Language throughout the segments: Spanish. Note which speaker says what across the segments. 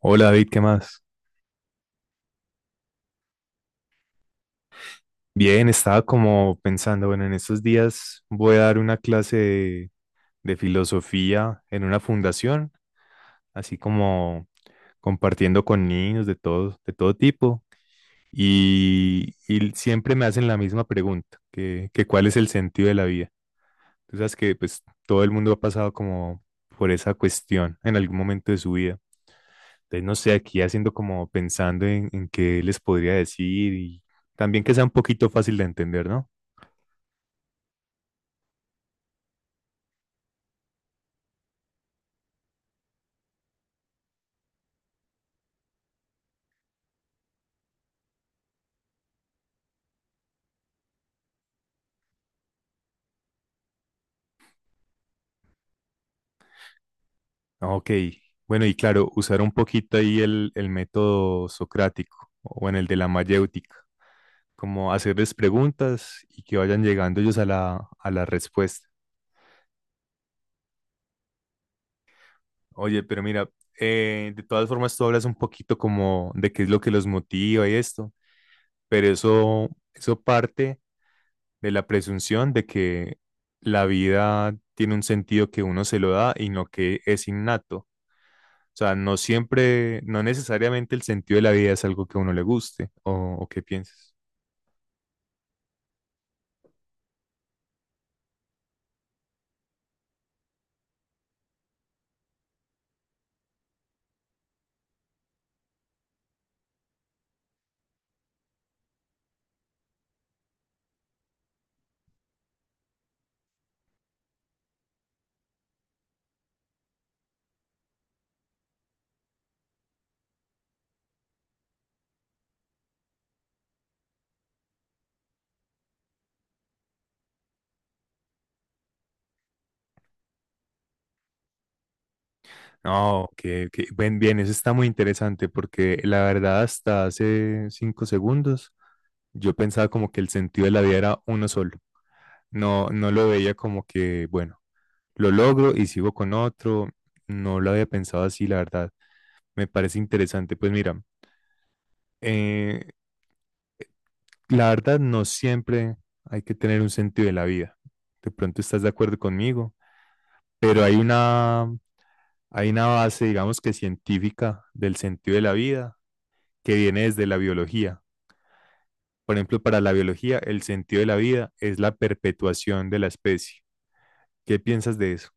Speaker 1: Hola David, ¿qué más? Bien, estaba como pensando, bueno, en estos días voy a dar una clase de filosofía en una fundación, así como compartiendo con niños de todo tipo, y siempre me hacen la misma pregunta, que cuál es el sentido de la vida. Tú sabes que pues todo el mundo ha pasado como por esa cuestión en algún momento de su vida. Entonces, no sé, aquí haciendo como pensando en qué les podría decir y también que sea un poquito fácil de entender, ¿no? Ah, Ok, bueno, y claro, usar un poquito ahí el método socrático o en el de la mayéutica, como hacerles preguntas y que vayan llegando ellos a la respuesta. Oye, pero mira, de todas formas tú hablas un poquito como de qué es lo que los motiva y esto, pero eso parte de la presunción de que la vida tiene un sentido que uno se lo da y no que es innato. O sea, no siempre, no necesariamente el sentido de la vida es algo que a uno le guste o qué piensas. No, que bien, bien, eso está muy interesante porque la verdad hasta hace 5 segundos yo pensaba como que el sentido de la vida era uno solo. No, no lo veía como que, bueno, lo logro y sigo con otro. No lo había pensado así, la verdad. Me parece interesante. Pues mira, eh, la verdad no siempre hay que tener un sentido de la vida. De pronto estás de acuerdo conmigo pero hay una base, digamos que científica del sentido de la vida que viene desde la biología. Por ejemplo, para la biología, el sentido de la vida es la perpetuación de la especie. ¿Qué piensas de eso?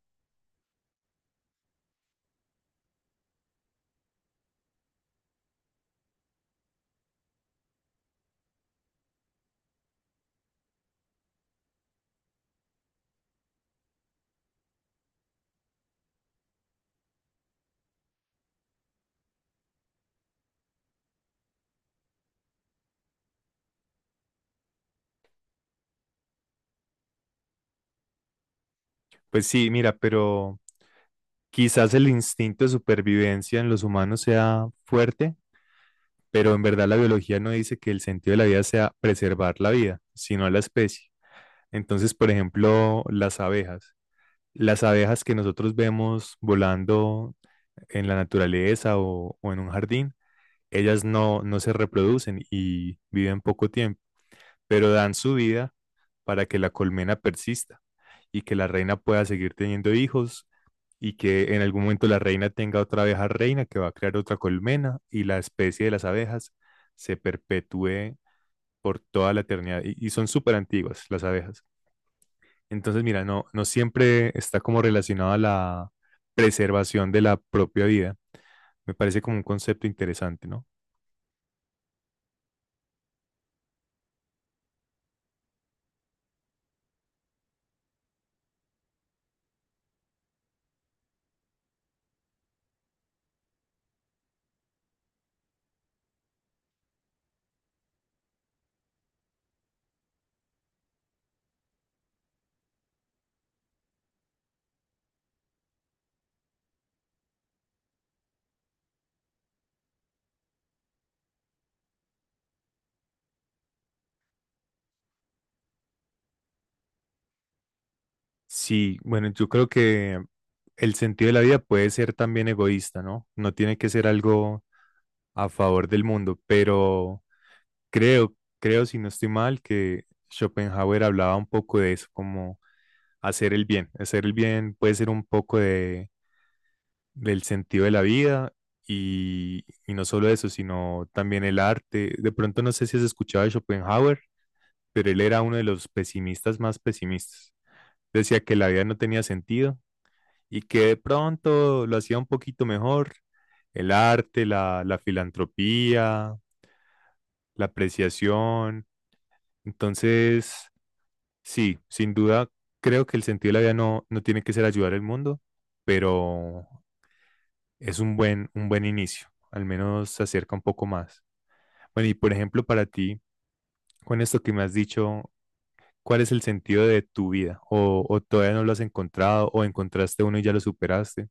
Speaker 1: Pues sí, mira, pero quizás el instinto de supervivencia en los humanos sea fuerte, pero en verdad la biología no dice que el sentido de la vida sea preservar la vida, sino la especie. Entonces, por ejemplo, las abejas. Las abejas que nosotros vemos volando en la naturaleza o en un jardín, ellas no, no se reproducen y viven poco tiempo, pero dan su vida para que la colmena persista y que la reina pueda seguir teniendo hijos y que en algún momento la reina tenga otra abeja reina que va a crear otra colmena y la especie de las abejas se perpetúe por toda la eternidad. Y son súper antiguas las abejas. Entonces, mira, no, no siempre está como relacionada la preservación de la propia vida me parece como un concepto interesante, ¿no? Sí, bueno, yo creo que el sentido de la vida puede ser también egoísta, ¿no? No tiene que ser algo a favor del mundo, pero creo, creo, si no estoy mal, que Schopenhauer hablaba un poco de eso, como hacer el bien. Hacer el bien puede ser un poco de, del sentido de la vida y no solo eso, sino también el arte. De pronto no sé si has escuchado de Schopenhauer, pero él era uno de los pesimistas más pesimistas. Decía que la vida no tenía sentido y que de pronto lo hacía un poquito mejor. El arte, la filantropía, la apreciación. Entonces, sí, sin duda, creo que el sentido de la vida no, no tiene que ser ayudar al mundo, pero es un buen inicio. Al menos se acerca un poco más. Bueno, y por ejemplo, para ti, con esto que me has dicho, cuál es el sentido de tu vida o todavía no lo has encontrado o encontraste uno y ya lo superaste.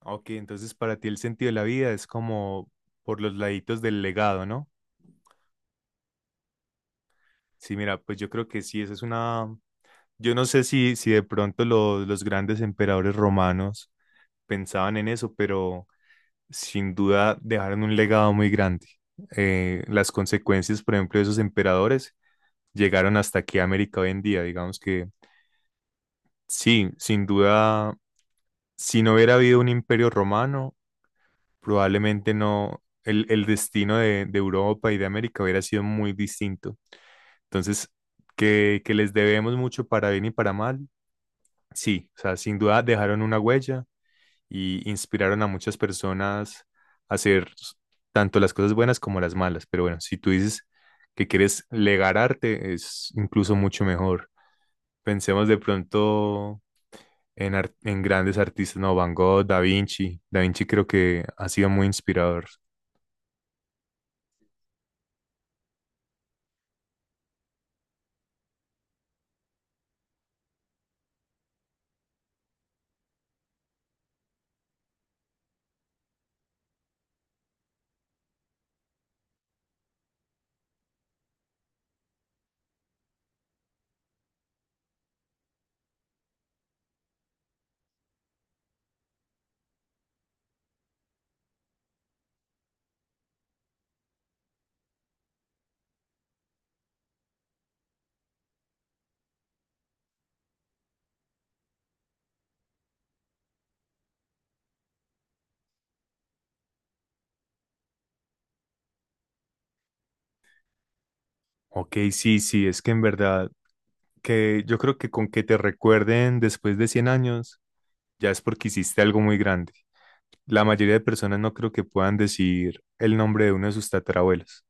Speaker 1: Ok, entonces para ti el sentido de la vida es como por los laditos del legado, ¿no? Sí, mira, pues yo creo que sí, esa es una... Yo no sé si de pronto los grandes emperadores romanos pensaban en eso, pero sin duda dejaron un legado muy grande. Las consecuencias, por ejemplo, de esos emperadores llegaron hasta aquí a América hoy en día. Digamos que sí, sin duda si no hubiera habido un imperio romano, probablemente no, el destino de Europa y de América hubiera sido muy distinto. Entonces, que les debemos mucho para bien y para mal, sí, o sea, sin duda dejaron una huella y inspiraron a muchas personas a hacer tanto las cosas buenas como las malas. Pero bueno, si tú dices que quieres legar arte, es incluso mucho mejor. Pensemos de pronto en, en grandes artistas, no, Van Gogh, Da Vinci. Da Vinci creo que ha sido muy inspirador. Ok, sí, sí, es que en verdad, que yo creo que con que te recuerden después de 100 años, ya es porque hiciste algo muy grande. La mayoría de personas no creo que puedan decir el nombre de uno de sus tatarabuelos.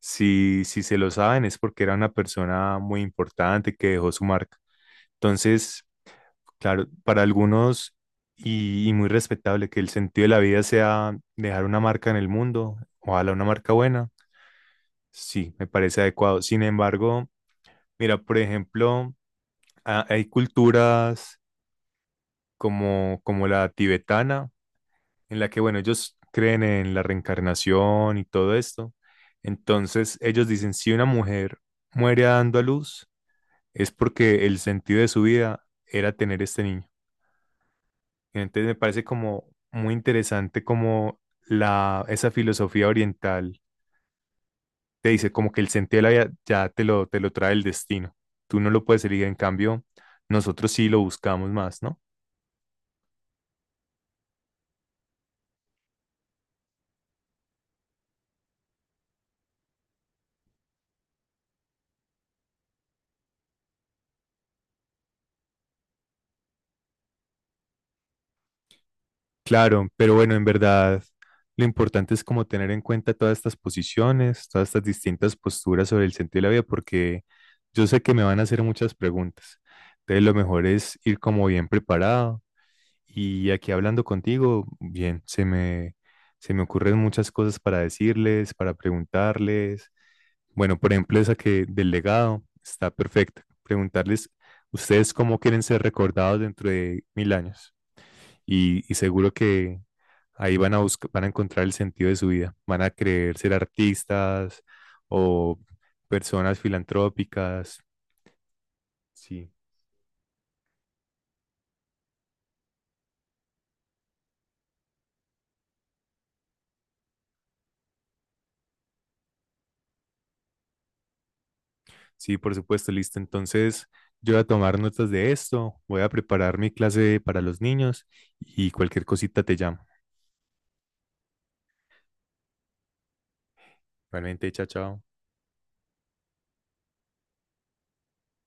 Speaker 1: Si, si se lo saben es porque era una persona muy importante que dejó su marca. Entonces, claro, para algunos muy respetable que el sentido de la vida sea dejar una marca en el mundo, ojalá una marca buena, sí, me parece adecuado. Sin embargo, mira, por ejemplo, hay culturas como, como la tibetana, en la que, bueno, ellos creen en la reencarnación y todo esto. Entonces, ellos dicen, si una mujer muere dando a luz, es porque el sentido de su vida era tener este niño. Entonces me parece como muy interesante como la, esa filosofía oriental te dice como que el sentido de la vida ya te lo trae el destino. Tú no lo puedes elegir, en cambio, nosotros sí lo buscamos más, ¿no? Claro, pero bueno, en verdad, lo importante es como tener en cuenta todas estas posiciones, todas estas distintas posturas sobre el sentido de la vida, porque yo sé que me van a hacer muchas preguntas. Entonces lo mejor es ir como bien preparado. Y aquí hablando contigo, bien, se me ocurren muchas cosas para decirles, para preguntarles. Bueno, por ejemplo, esa que del legado está perfecta. Preguntarles, ¿ustedes cómo quieren ser recordados dentro de 1000 años? Y seguro que ahí van a buscar, van a encontrar el sentido de su vida. Van a querer ser artistas o personas filantrópicas. Sí. Sí, por supuesto, listo. Entonces, yo voy a tomar notas de esto, voy a preparar mi clase para los niños y cualquier cosita te llamo. Realmente, chao, chao.